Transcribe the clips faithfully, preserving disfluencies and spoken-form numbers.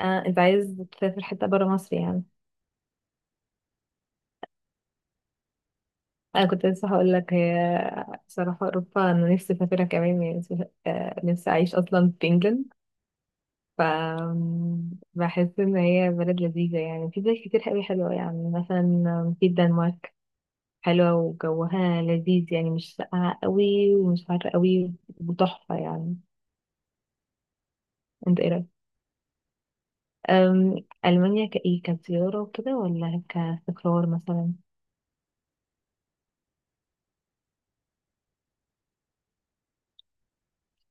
آه، انت عايز تسافر حتة برا مصر يعني. انا كنت لسه هقول لك، هي بصراحة اوروبا انا نفسي اسافرها كمان يعني. نفسي آه، نفسي اعيش اصلا في انجلند. ف بحس ان هي بلد لذيذة يعني. في بلاد كتير قوي حلوة، يعني مثلا في الدنمارك، حلوة وجوها لذيذ يعني، مش ساقعة قوي ومش حر قوي، وتحفة يعني. انت ايه رأيك؟ أم، المانيا كايه كزيارة وكده ولا كاستقرار مثلا؟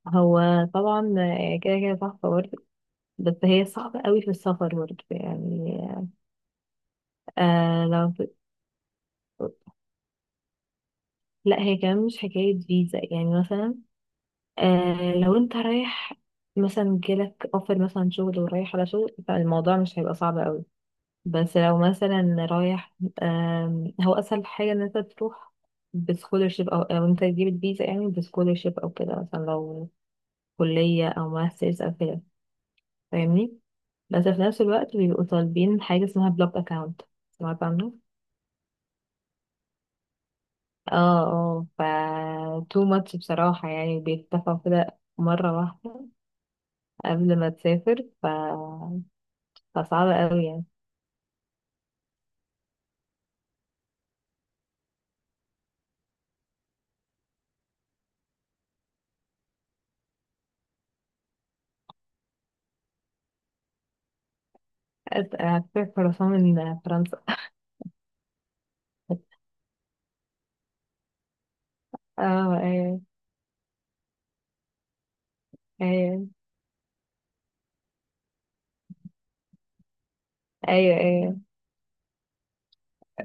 هو طبعا آه، كده كده تحفة برضه، بس هي صعبة قوي في السفر برضه يعني. آه لو لا، هي كمان مش حكاية فيزا يعني. مثلا آه لو انت رايح مثلا جالك اوفر مثلا شغل ورايح على شغل، فالموضوع مش هيبقى صعب قوي. بس لو مثلا رايح آم، هو اسهل حاجة ان انت تروح بسكولرشيب، او او انت تجيب الفيزا يعني بسكولرشيب او كده، مثلا لو كلية او ماسترز او كده. فاهمني؟ بس في نفس الوقت بيبقوا طالبين حاجة اسمها بلوك اكاونت. سمعت عنه؟ اه، اه. ف تو ماتش بصراحة يعني، بيتفقوا كده مرة واحدة قبل ما تسافر. ف فصعب قوي يعني. أت- هتسافر فرنسا من فرنسا؟ اه ايوه. ايوه ايوه ايوه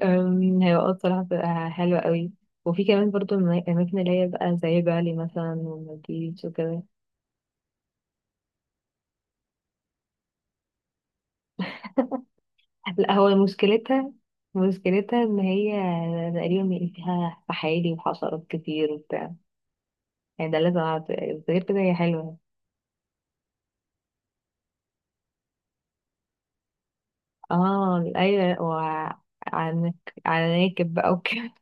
أم، هيبقى آه بصراحة بتبقى حلوة قوي. وفي كمان برضو الم- الأماكن اللي هي بقى زي بالي مثلا والمالديفز وكده. لا، هو مشكلتها مشكلتها ان هي تقريبا فيها فحالي وحشرات كتير وبتاع يعني. ده لازم أعرف. غير كده هي حلوة. اه ايوه، وعنك، على ناكب بقى وكده.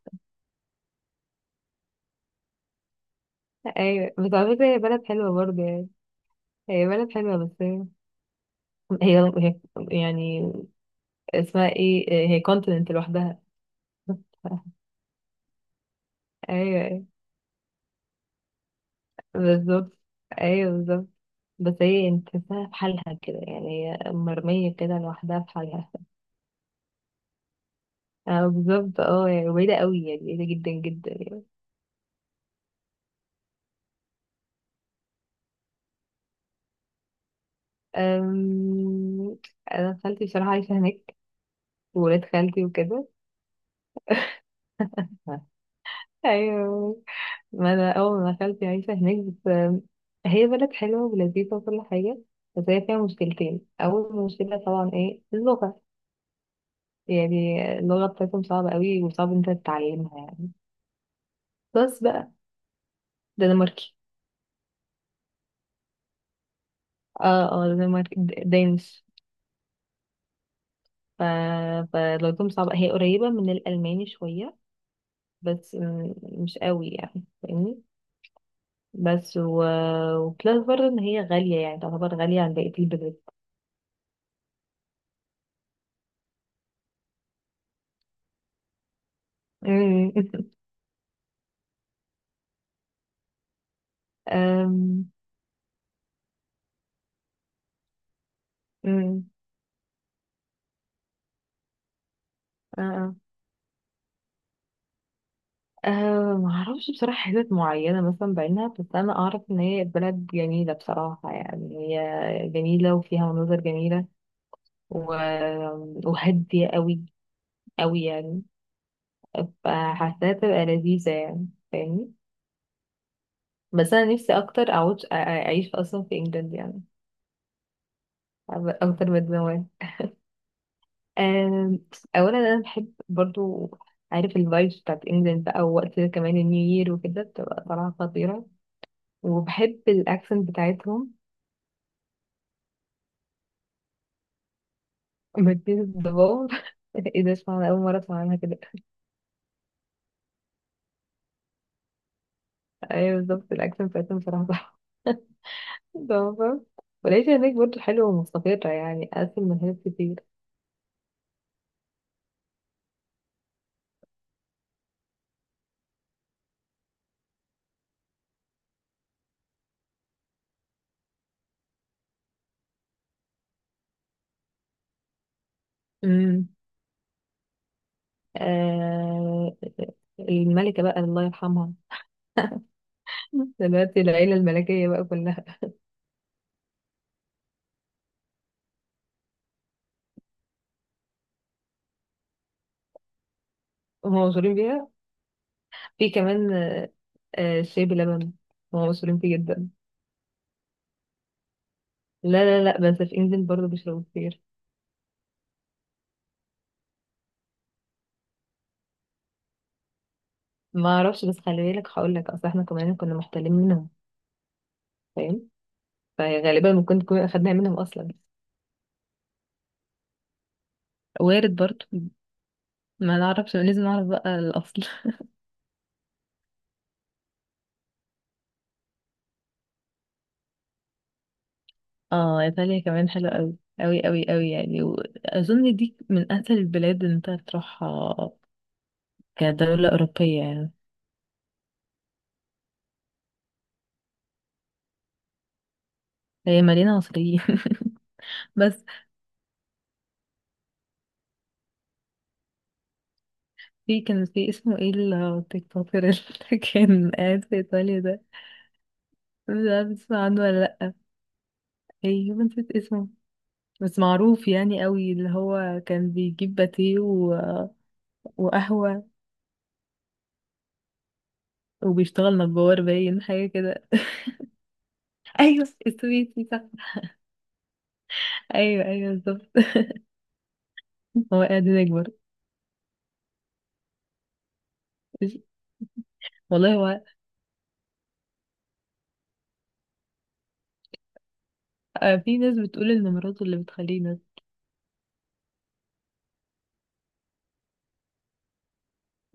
ايوه، بس على فكرة هي بلد حلوة برضه يعني. هي بلد حلوة، بس هي هي هي- يعني اسمها ايه، هي كونتيننت لوحدها. ايوه أيوة، بالظبط. ايوه بالظبط. بس هي انت تحسها في حالها كده يعني، هي مرمية كده لوحدها في حالها. اه بالظبط، اه يعني بعيدة قوي يعني، بعيدة جدا جدا يعني. أم... انا خالتي بصراحة عايشة هناك، وولاد خالتي وكده. ايوه. ما انا اول ما خالتي عايشه هناك، بس آم، هي بلد حلوه ولذيذه وكل حاجه. بس هي فيها مشكلتين. اول مشكله طبعا ايه؟ اللغه. يعني اللغه بتاعتهم صعبه قوي، وصعب انت تتعلمها يعني. بس بقى. دنماركي. اه اه، دنماركي، د- دانش. ف... فلغتهم صعبه، هي قريبه من الالماني شويه، بس م- مش قوي يعني، فاهمني؟ بس و... وبلس برضه ان هي غاليه، يعني تعتبر غاليه عن بقيه البلاد. أمم. أمم. أمم. آه، آه. أه معرفش بصراحة حتت معينة مثلا بعينها، بس أنا أعرف إن هي بلد جميلة بصراحة يعني. هي جميلة وفيها مناظر جميلة، و... وهادية أوي أوي يعني، فحاساها تبقى لذيذة يعني، فاهمني؟ بس أنا نفسي أكتر أعود أ- أ- أعيش أصلا في إنجلند يعني، أكتر من زمان. أم، أولا أنا بحب برضو، عارف، الفايبس بتاعت إنجلند بقى، ووقت كمان النيو يير وكده بتبقى طالعة خطيرة. وبحب الأكسنت بتاعتهم. مدينة الدبور. ايه ده؟ اسمع، انا اول مرة اسمع عنها كده. ايوه بالظبط، الاكسنت بتاعتهم بصراحة صح. تمام. والعيشة هناك برضه حلوة ومستقرة يعني، أقل من هناك كتير. امم آه الملكة بقى، الله يرحمها. دلوقتي العيلة الملكية بقى كلها. هم مشهورين بيها. في كمان آه آه، الشاي بلبن، هم مشهورين فيه جدا. لا لا لا، بس في انجلند برضه بيشربوا كتير. ما اعرفش، بس خلي بالك هقول لك، اصل احنا كمان كنا محتلين منهم، فاهم؟ فغالبا ممكن تكون أخدناها منهم أصلا. وارد برضو. ما نعرفش، لازم نعرف بقى الأصل. اه إيطاليا كمان حلوة أوي أوي أوي أوي يعني، وأظن دي من أسهل البلاد إن أنت تروحها كدولة أوروبية يعني. هي مليانة مصريين. بس في كان في اسمه ايه، التيك توكر اللي كان قاعد في ايطاليا ده. مش عارفة تسمع عنه ولا لأ. ايه ما نسيت اسمه، بس معروف يعني قوي، اللي هو كان بيجيب باتيه و... وقهوة، وبيشتغل نجار، باين حاجة كده. أيوة السويسي صح. أيوه أيوه بالظبط. هو قاعد يكبر. والله هو، آه، في ناس بتقول إن مراته اللي بتخليه ناس.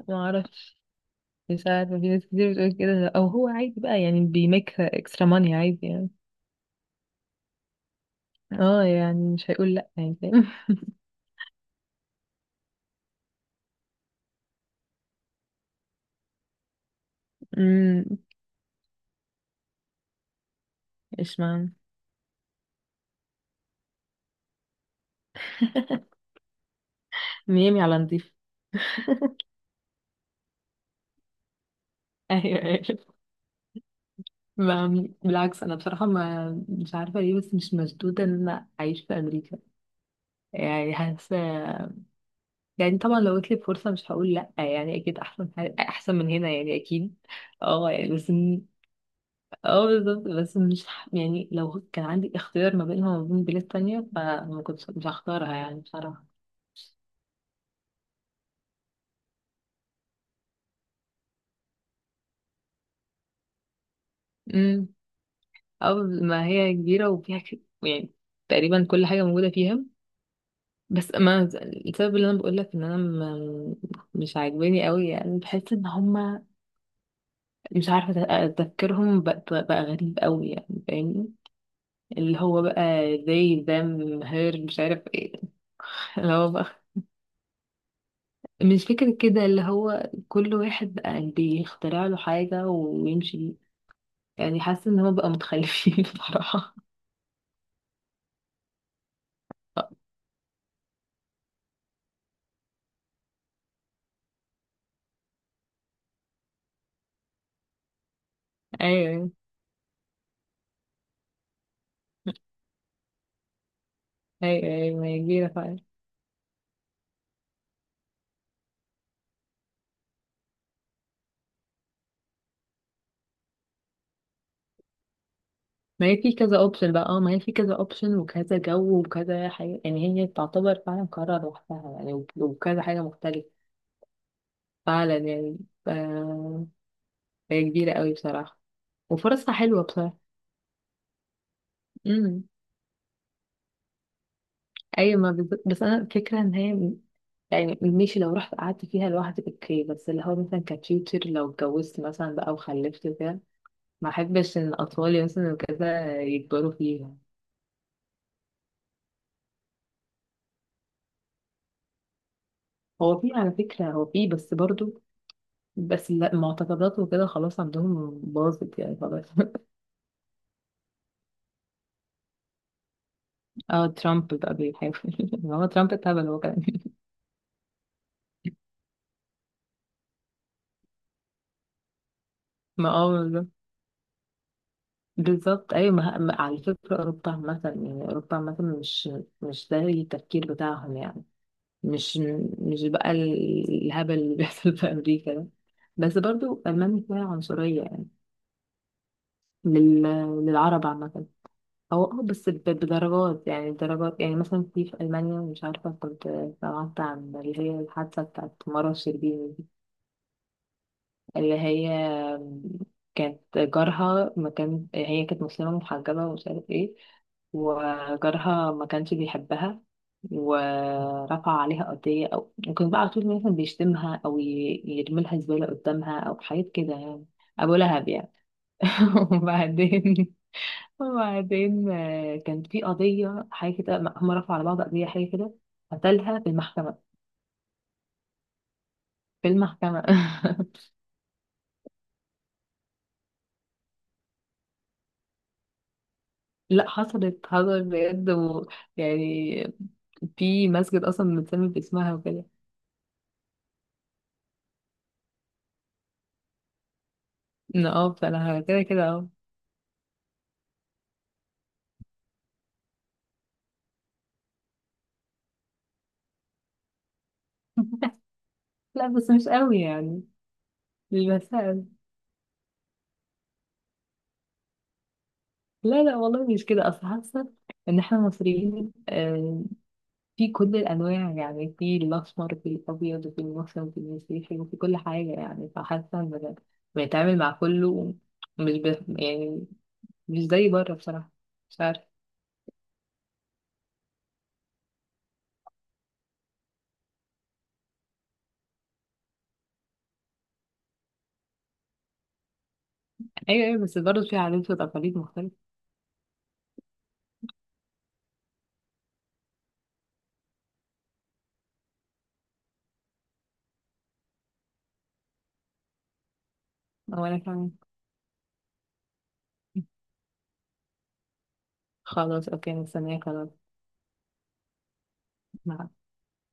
ما أعرفش. مش عارفة، في ناس كتير بتقول كده، أو هو عادي بقى يعني، بيميك اكسترا ماني عادي يعني. اه يعني مش هيقول لأ يعني، فاهم. أمم. إيش معنى؟ ميامي على نضيف. ايوه ايوه. ما- بالعكس انا بصراحه ما مش عارفه ليه، بس مش مشدوده ان انا اعيش في امريكا. يعني حاسه. يعني طبعا لو جاتلي فرصة مش هقول لأ يعني، أكيد أحسن حاجة أحسن من هنا يعني أكيد. اه يعني بس م- اه بالظبط، بس مش ح- يعني لو كان عندي اختيار ما بينها وما بين بلاد تانية، فما كنتش مش هختارها يعني بصراحة. امم اه ما هي كبيرة، وفيها ك... يعني تقريبا كل حاجة موجودة فيها. بس ما السبب اللي انا بقول لك ان انا م- مش عاجباني قوي يعني، بحس ان هما، مش عارفه تفكيرهم بقى بقى غريب قوي يعني، فاهمني؟ اللي هو بقى they them her مش عارف ايه. اللي هو بقى مش فكرة كده، اللي هو كل واحد بقى بيخترع له حاجة ويمشي. يعني حاسة ان هو بقى متخلفين بصراحة. ايوه ايوه ايوه، ما هي كبيرة فعلا. ما هي في كذا اوبشن بقى، اه ما هي في كذا اوبشن وكذا جو وكذا حاجة يعني، هي تعتبر فعلا قرار لوحدها يعني، وك- وكذا حاجة مختلفة فعلا يعني. آه هي كبيرة قوي بصراحة، وفرصها حلوة. بصراحة ايوه، ما بالظبط، بس انا الفكره ان هي م- يعني ماشي، لو رحت قعدت فيها لوحدي اوكي، بس اللي هو مثلا كفيوتشر لو اتجوزت مثلا بقى وخلفت كده، ما احبش ان اطفالي مثلا وكذا يكبروا فيها. هو في على فكره، هو في، بس برضو. بس لا، معتقدات وكده خلاص عندهم باظت يعني خلاص. اه ترامب بقى بيحاول. ما هو ترامب اتهبل هو كمان. ما اه بالظبط. بالظبط ايوه، ما ما- على فكره اوروبا مثلا يعني، اوروبا مثلا مش مش ده التفكير بتاعهم يعني. مش مش بقى ال- الهبل اللي بيحصل في أمريكا ده. بس برضو ألمانيا فيها عنصرية يعني، لل... للعرب عامة. هو اه، بس ب- بدرجات يعني، درجات يعني، مثلا في في ألمانيا، مش عارفة كنت سمعت عن اللي هي الحادثة بتاعت مرة شربيني، اللي هي كانت جارها، ما كان، هي كانت مسلمة محجبة ومش عارف ايه، وجارها ما كانش بيحبها، ورفع عليها قضية. أو ممكن بقى على طول مثلا بيشتمها أو ي- يرميلها زبالة قدامها أو حاجات كده يعني. أبو لهب يعني. وبعدين وبعدين آه، كان في قضية حاجة كده، هم رفعوا على بعض قضية حاجة كده. قتلها في المحكمة. في المحكمة. لا، حصلت حصلت بجد و- يعني في مسجد اصلا متسمي باسمها وكده. ان اه فانا كده كده اه لا بس مش قوي يعني، للمسائل. لا لا، والله مش كده. اصل حاسه ان احنا مصريين، آه، في كل الانواع يعني، في الاسمر في الابيض، وفي المسلم وفي المسيحي وفي كل حاجه يعني، فحاسه ان بنتعامل مع كله، مش ب... يعني مش زي بره بصراحه، مش عارفه. ايوه ايوه، بس برضه في عادات وتقاليد مختلفه. وانا كمان. خلاص اوكي، مستنيه خلاص. مع